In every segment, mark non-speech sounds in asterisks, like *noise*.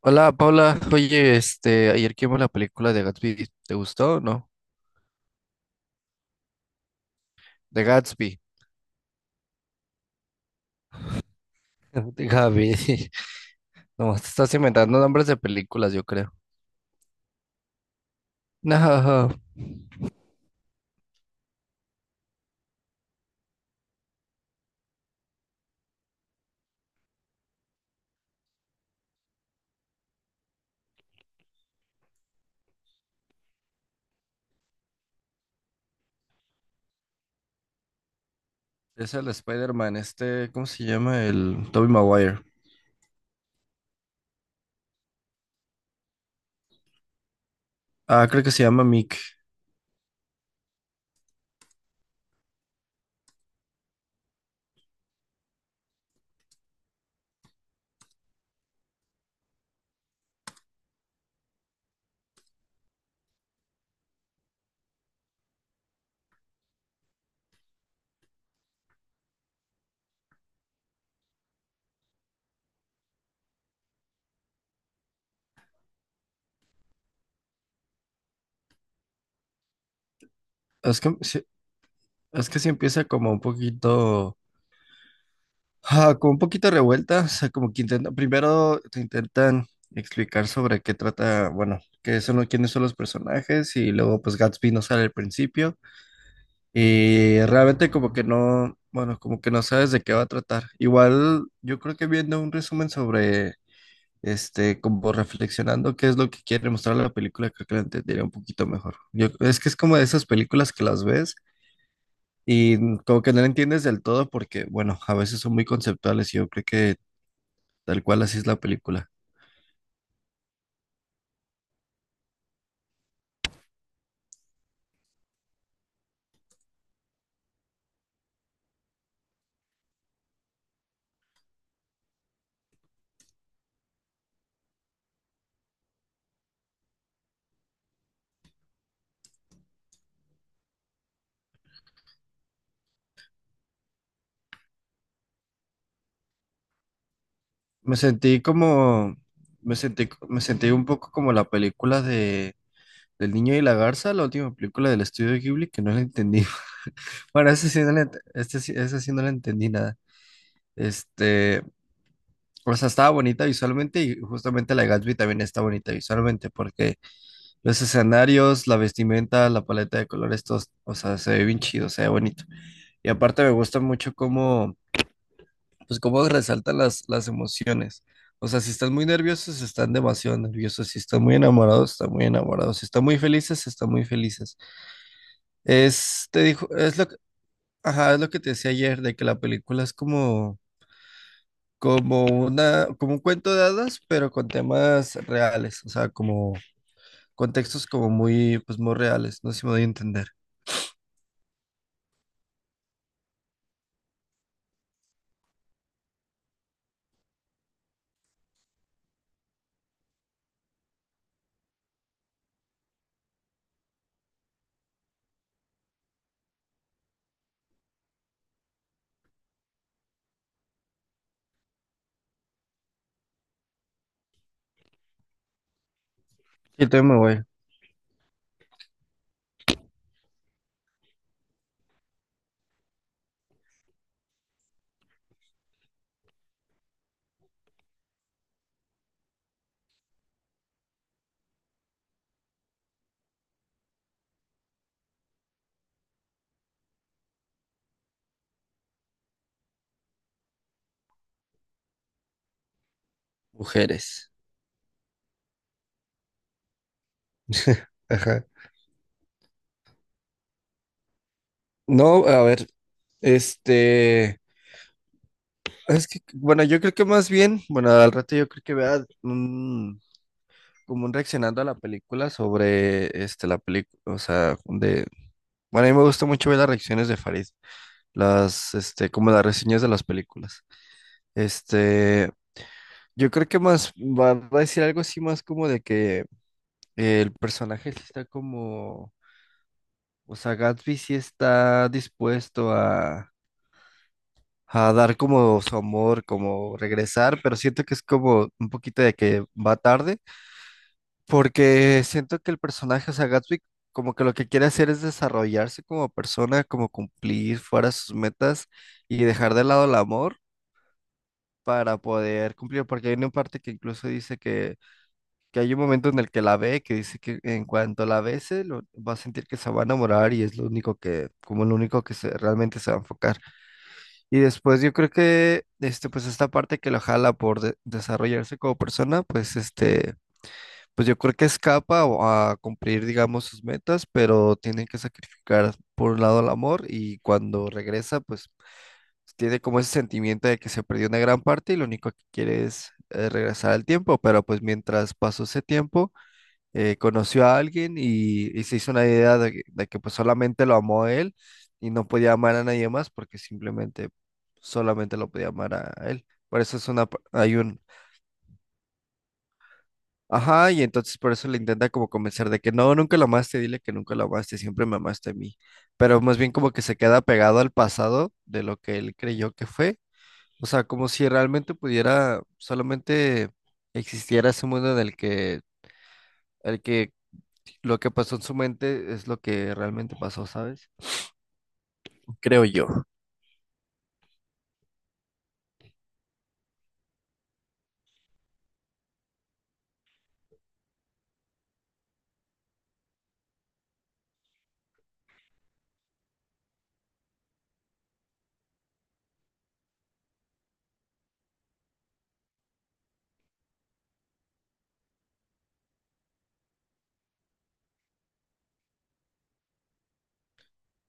Hola Paula, oye, ayer que vimos la película de Gatsby, ¿te gustó o no? De Gatsby, *laughs* de Gaby, *laughs* no, te estás inventando nombres de películas, yo creo. No, es el Spider-Man, ¿cómo se llama? El Tobey Maguire. Ah, creo que se llama Mick. Es que, sí- es que sí empieza como un poquito, como un poquito revuelta, o sea, como que intenta, primero te intentan explicar sobre qué trata, bueno, qué son, quiénes son los personajes y luego pues Gatsby no sale al principio. Y realmente como que no, bueno, como que no sabes de qué va a tratar. Igual yo creo que viendo un resumen sobre, como reflexionando qué es lo que quiere mostrar la película, creo que la entendería un poquito mejor. Yo, es que es como de esas películas que las ves y como que no la entiendes del todo porque, bueno, a veces son muy conceptuales y yo creo que tal cual así es la película. Me sentí como, me sentí un poco como la película de... Del niño y la garza, la última película del estudio Ghibli, que no la entendí. Bueno, ese sí no le entendí nada. Este, o sea, estaba bonita visualmente y justamente la de Gatsby también está bonita visualmente porque los escenarios, la vestimenta, la paleta de colores, todos, o sea, se ve bien chido, se ve bonito. Y aparte me gusta mucho cómo, pues cómo resaltan las emociones. O sea, si están muy nerviosos, están demasiado nerviosos. Si están muy enamorados, están muy enamorados. Si están muy felices, están muy felices. Es, te dijo, es lo que, ajá, es lo que te decía ayer, de que la película es como una, como un cuento de hadas, pero con temas reales, o sea, como contextos como muy, pues muy reales, no sé si me doy a entender. Y también me voy. Mujeres. *laughs* Ajá. No, a ver, este, es que, bueno, yo creo que más bien, bueno, al rato yo creo que vea un, como un reaccionando a la película sobre, la película, o sea, de, bueno, a mí me gusta mucho ver las reacciones de Farid, como las reseñas de las películas, este, yo creo que más va a decir algo así más como de que el personaje sí está como, o sea, Gatsby sí está dispuesto a dar como su amor, como regresar, pero siento que es como un poquito de que va tarde, porque siento que el personaje, o sea, Gatsby como que lo que quiere hacer es desarrollarse como persona, como cumplir fuera sus metas y dejar de lado el amor para poder cumplir, porque hay una parte que incluso dice que hay un momento en el que la ve, que dice que en cuanto la bese, lo, va a sentir que se va a enamorar y es lo único que, como lo único que se, realmente se va a enfocar. Y después yo creo que, pues esta parte que lo jala por desarrollarse como persona, pues pues yo creo que escapa o a cumplir, digamos, sus metas, pero tiene que sacrificar por un lado el amor y cuando regresa, pues tiene como ese sentimiento de que se perdió una gran parte y lo único que quiere es regresar al tiempo, pero pues mientras pasó ese tiempo, conoció a alguien y se hizo una idea de que, pues solamente lo amó a él y no podía amar a nadie más porque simplemente solamente lo podía amar a él. Por eso es hay un, ajá, y entonces por eso le intenta como convencer de que no, nunca lo amaste, dile que nunca lo amaste, siempre me amaste a mí. Pero más bien como que se queda pegado al pasado de lo que él creyó que fue. O sea, como si realmente pudiera solamente existiera ese mundo en el que lo que pasó en su mente es lo que realmente pasó, ¿sabes? Creo yo.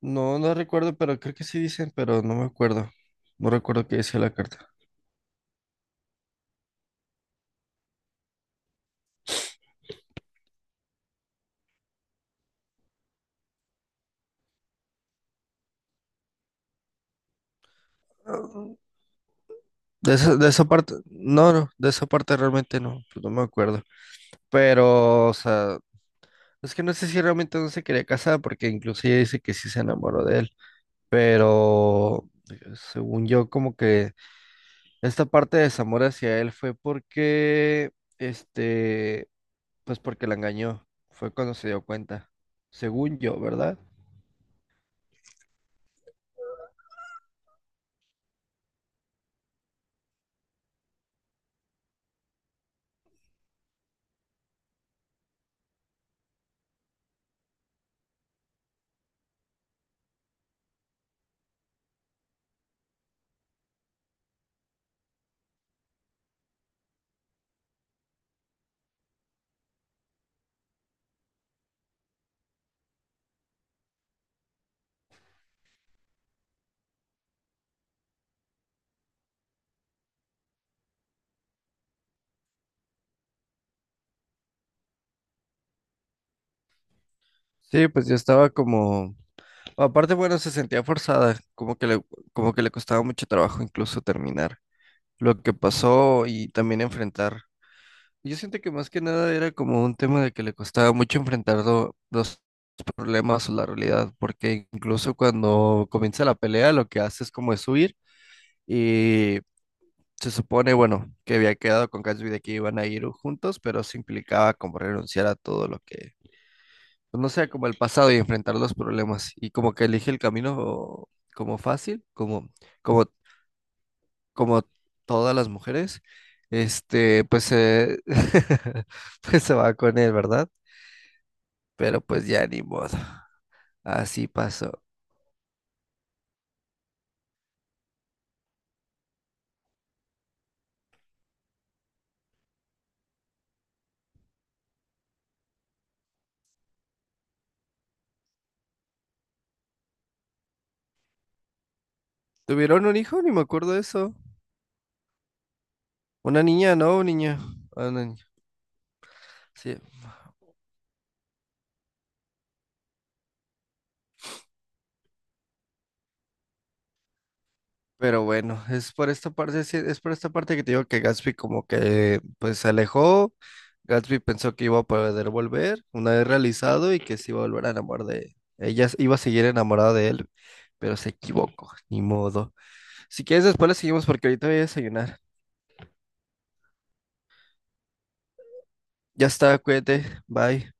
No, no recuerdo, pero creo que sí dicen, pero no me acuerdo. No recuerdo qué decía la carta. Ah, de esa parte, no, no, de esa parte realmente no, pues no me acuerdo. Pero, o sea, es que no sé si realmente no se quería casar, porque incluso ella dice que sí se enamoró de él. Pero, según yo, como que esta parte de desamor hacia él fue porque, este, pues porque la engañó. Fue cuando se dio cuenta. Según yo, ¿verdad? Sí, pues yo estaba como... Aparte, bueno, se sentía forzada, como que le costaba mucho trabajo incluso terminar lo que pasó y también enfrentar. Yo siento que más que nada era como un tema de que le costaba mucho enfrentar los problemas o la realidad, porque incluso cuando comienza la pelea, lo que hace es como es huir y se supone, bueno, que había quedado con Gatsby de que iban a ir juntos, pero se implicaba como renunciar a todo lo que, pues, no sé, como el pasado y enfrentar los problemas. Y como que elige el camino como fácil, como, como todas las mujeres, este, pues, eh, *laughs* pues se va con él, ¿verdad? Pero pues ya ni modo. Así pasó. ¿Tuvieron un hijo? Ni me acuerdo de eso. Una niña, ¿no? Un niño. Ah, una niña. Sí. Pero bueno, es por esta parte, sí, es por esta parte que te digo que Gatsby como que pues se alejó. Gatsby pensó que iba a poder volver una vez realizado y que se iba a volver a enamorar de ella, iba a seguir enamorada de él, pero se equivocó, ni modo. Si quieres después le seguimos porque ahorita voy a desayunar. Ya está, cuídate, bye.